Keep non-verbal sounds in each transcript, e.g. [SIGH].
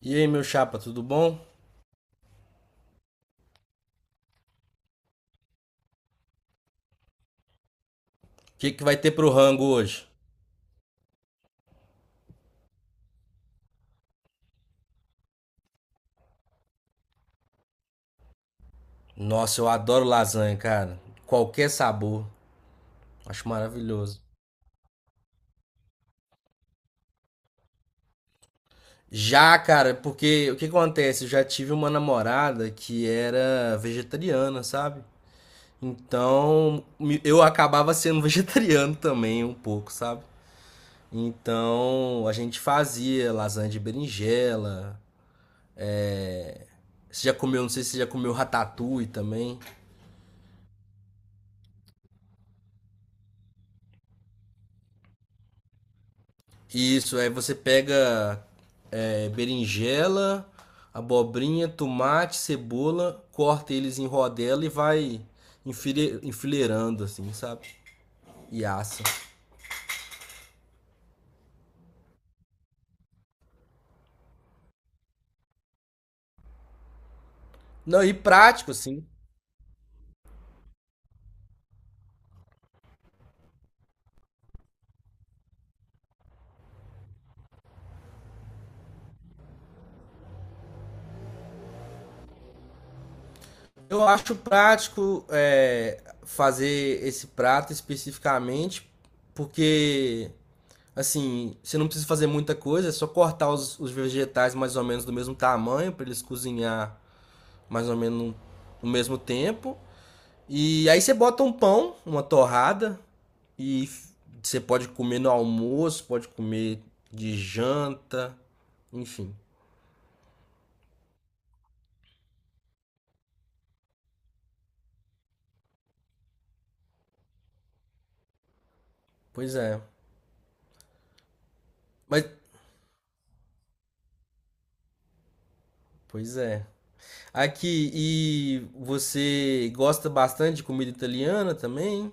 E aí, meu chapa, tudo bom? O que que vai ter pro rango hoje? Nossa, eu adoro lasanha, cara. Qualquer sabor. Acho maravilhoso. Já, cara, porque o que acontece? Eu já tive uma namorada que era vegetariana, sabe? Então, eu acabava sendo [LAUGHS] vegetariano também um pouco, sabe? Então, a gente fazia lasanha de berinjela. Você já comeu, não sei se você já comeu ratatouille também. Isso, aí você pega berinjela, abobrinha, tomate, cebola, corta eles em rodela e vai enfileirando, assim, sabe? E assa. Não, e prático, assim. Eu acho prático fazer esse prato especificamente, porque, assim, você não precisa fazer muita coisa, é só cortar os vegetais mais ou menos do mesmo tamanho, para eles cozinhar mais ou menos no mesmo tempo. E aí você bota um pão, uma torrada, e você pode comer no almoço, pode comer de janta, enfim. Pois é. Mas, pois é. Aqui, e você gosta bastante de comida italiana também?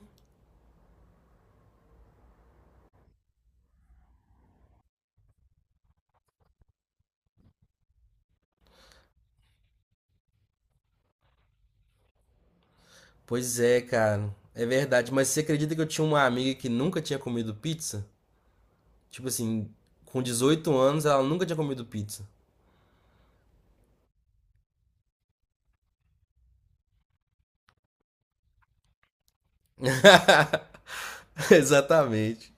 Pois é, cara. É verdade. Mas você acredita que eu tinha uma amiga que nunca tinha comido pizza? Tipo assim, com 18 anos ela nunca tinha comido pizza. [LAUGHS] Exatamente.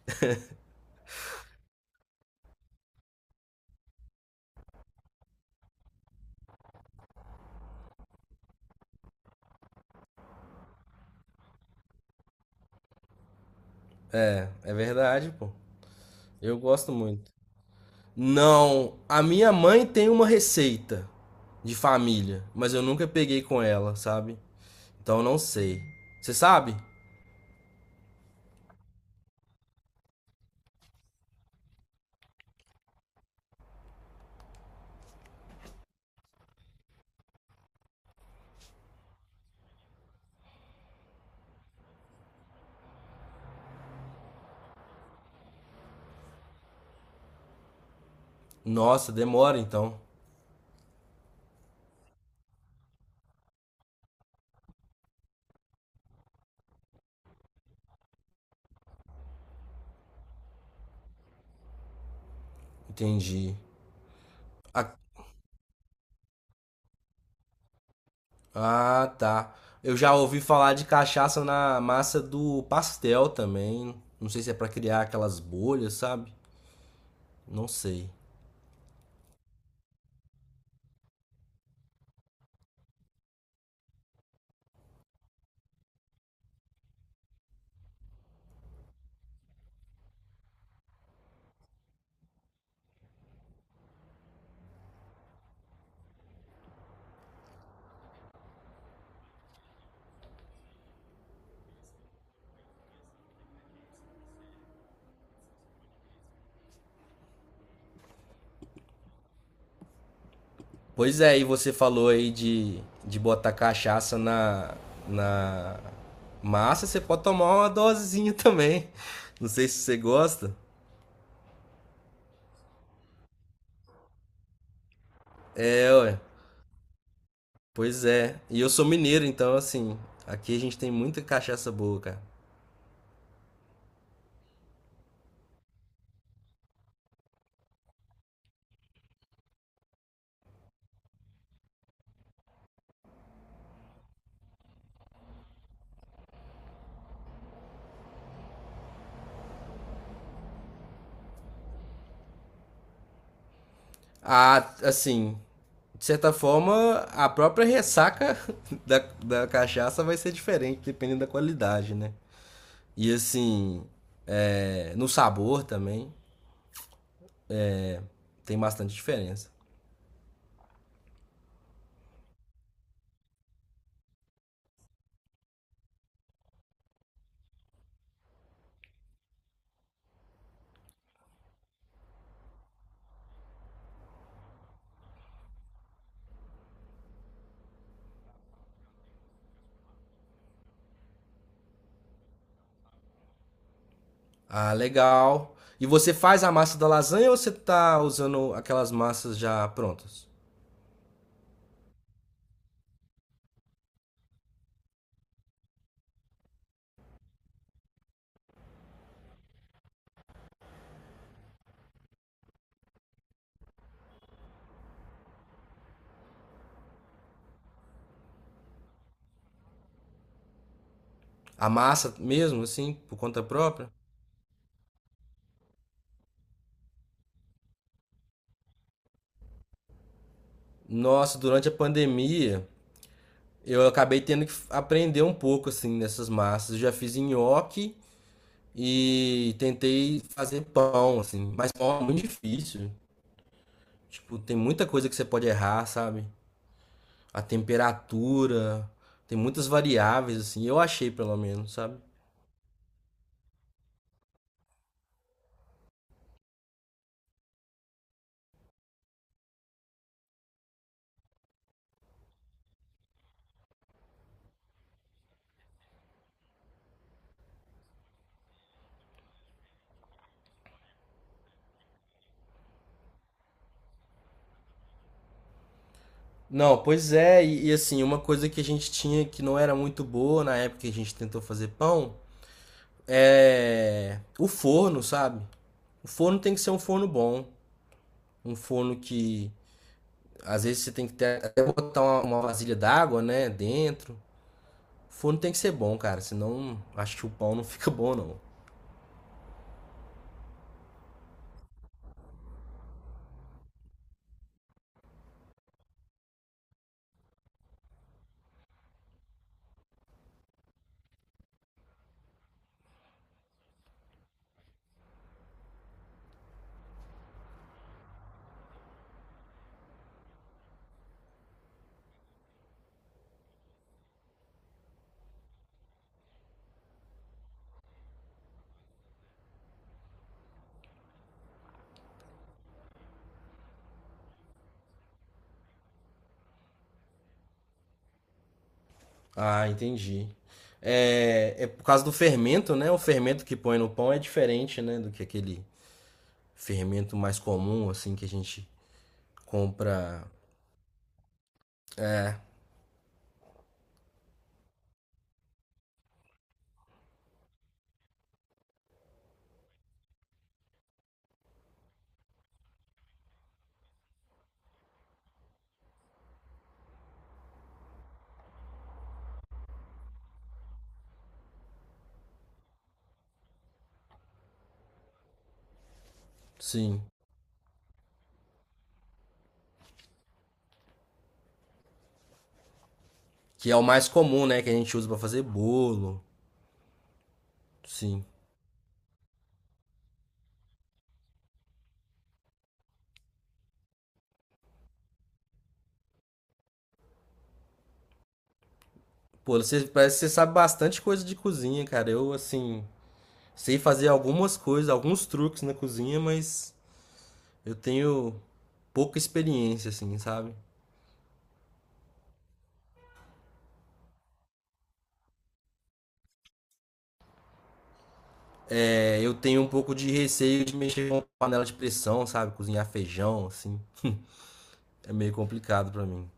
É verdade, pô. Eu gosto muito. Não, a minha mãe tem uma receita de família, mas eu nunca peguei com ela, sabe? Então eu não sei. Você sabe? Nossa, demora então. Entendi. Ah, ah, tá. Eu já ouvi falar de cachaça na massa do pastel também. Não sei se é pra criar aquelas bolhas, sabe? Não sei. Pois é, e você falou aí de botar cachaça na massa, você pode tomar uma dosezinha [LAUGHS] também. Não sei se você gosta. É, ué. Pois é. E eu sou mineiro, então, assim, aqui a gente tem muita cachaça boa, cara. Ah, assim, de certa forma, a própria ressaca [LAUGHS] da, da cachaça vai ser diferente, dependendo da qualidade, né? E, assim, é, no sabor também, tem bastante diferença. Ah, legal. E você faz a massa da lasanha ou você tá usando aquelas massas já prontas? A massa mesmo, assim, por conta própria? Nossa, durante a pandemia, eu acabei tendo que aprender um pouco, assim, nessas massas. Eu já fiz nhoque e tentei fazer pão, assim. Mas pão é muito difícil. Tipo, tem muita coisa que você pode errar, sabe? A temperatura, tem muitas variáveis, assim. Eu achei, pelo menos, sabe? Não, pois é, e assim, uma coisa que a gente tinha que não era muito boa na época que a gente tentou fazer pão é o forno, sabe? O forno tem que ser um forno bom, um forno que às vezes você tem que ter, até botar uma vasilha d'água, né, dentro. O forno tem que ser bom, cara, senão acho que o pão não [LAUGHS] fica bom, não. Ah, entendi. É por causa do fermento, né? O fermento que põe no pão é diferente, né, do que aquele fermento mais comum, assim, que a gente compra. Sim. Que é o mais comum, né? Que a gente usa pra fazer bolo. Sim. Pô, você parece que você sabe bastante coisa de cozinha, cara. Eu, assim, sei fazer algumas coisas, alguns truques na cozinha, mas eu tenho pouca experiência, assim, sabe? É, eu tenho um pouco de receio de mexer com panela de pressão, sabe? Cozinhar feijão, assim. É meio complicado pra mim.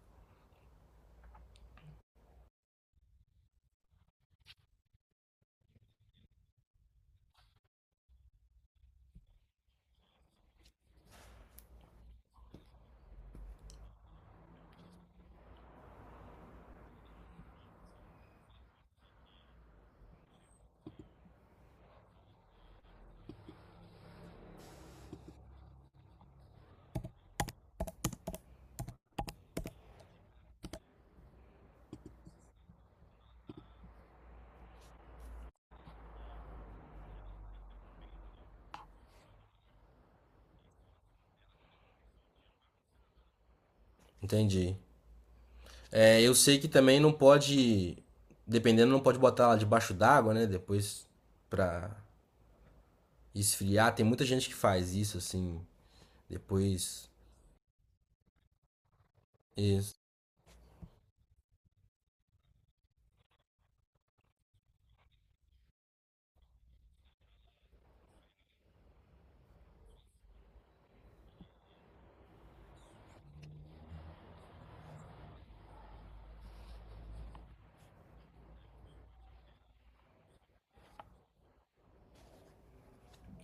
Entendi. É, eu sei que também não pode, dependendo, não pode botar ela debaixo d'água, né? Depois pra esfriar. Tem muita gente que faz isso, assim. Depois. Isso.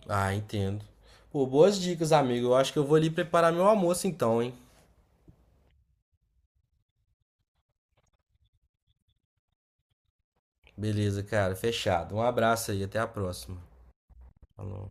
Ah, entendo. Pô, boas dicas, amigo. Eu acho que eu vou ali preparar meu almoço então, hein? Beleza, cara. Fechado. Um abraço aí. Até a próxima. Falou.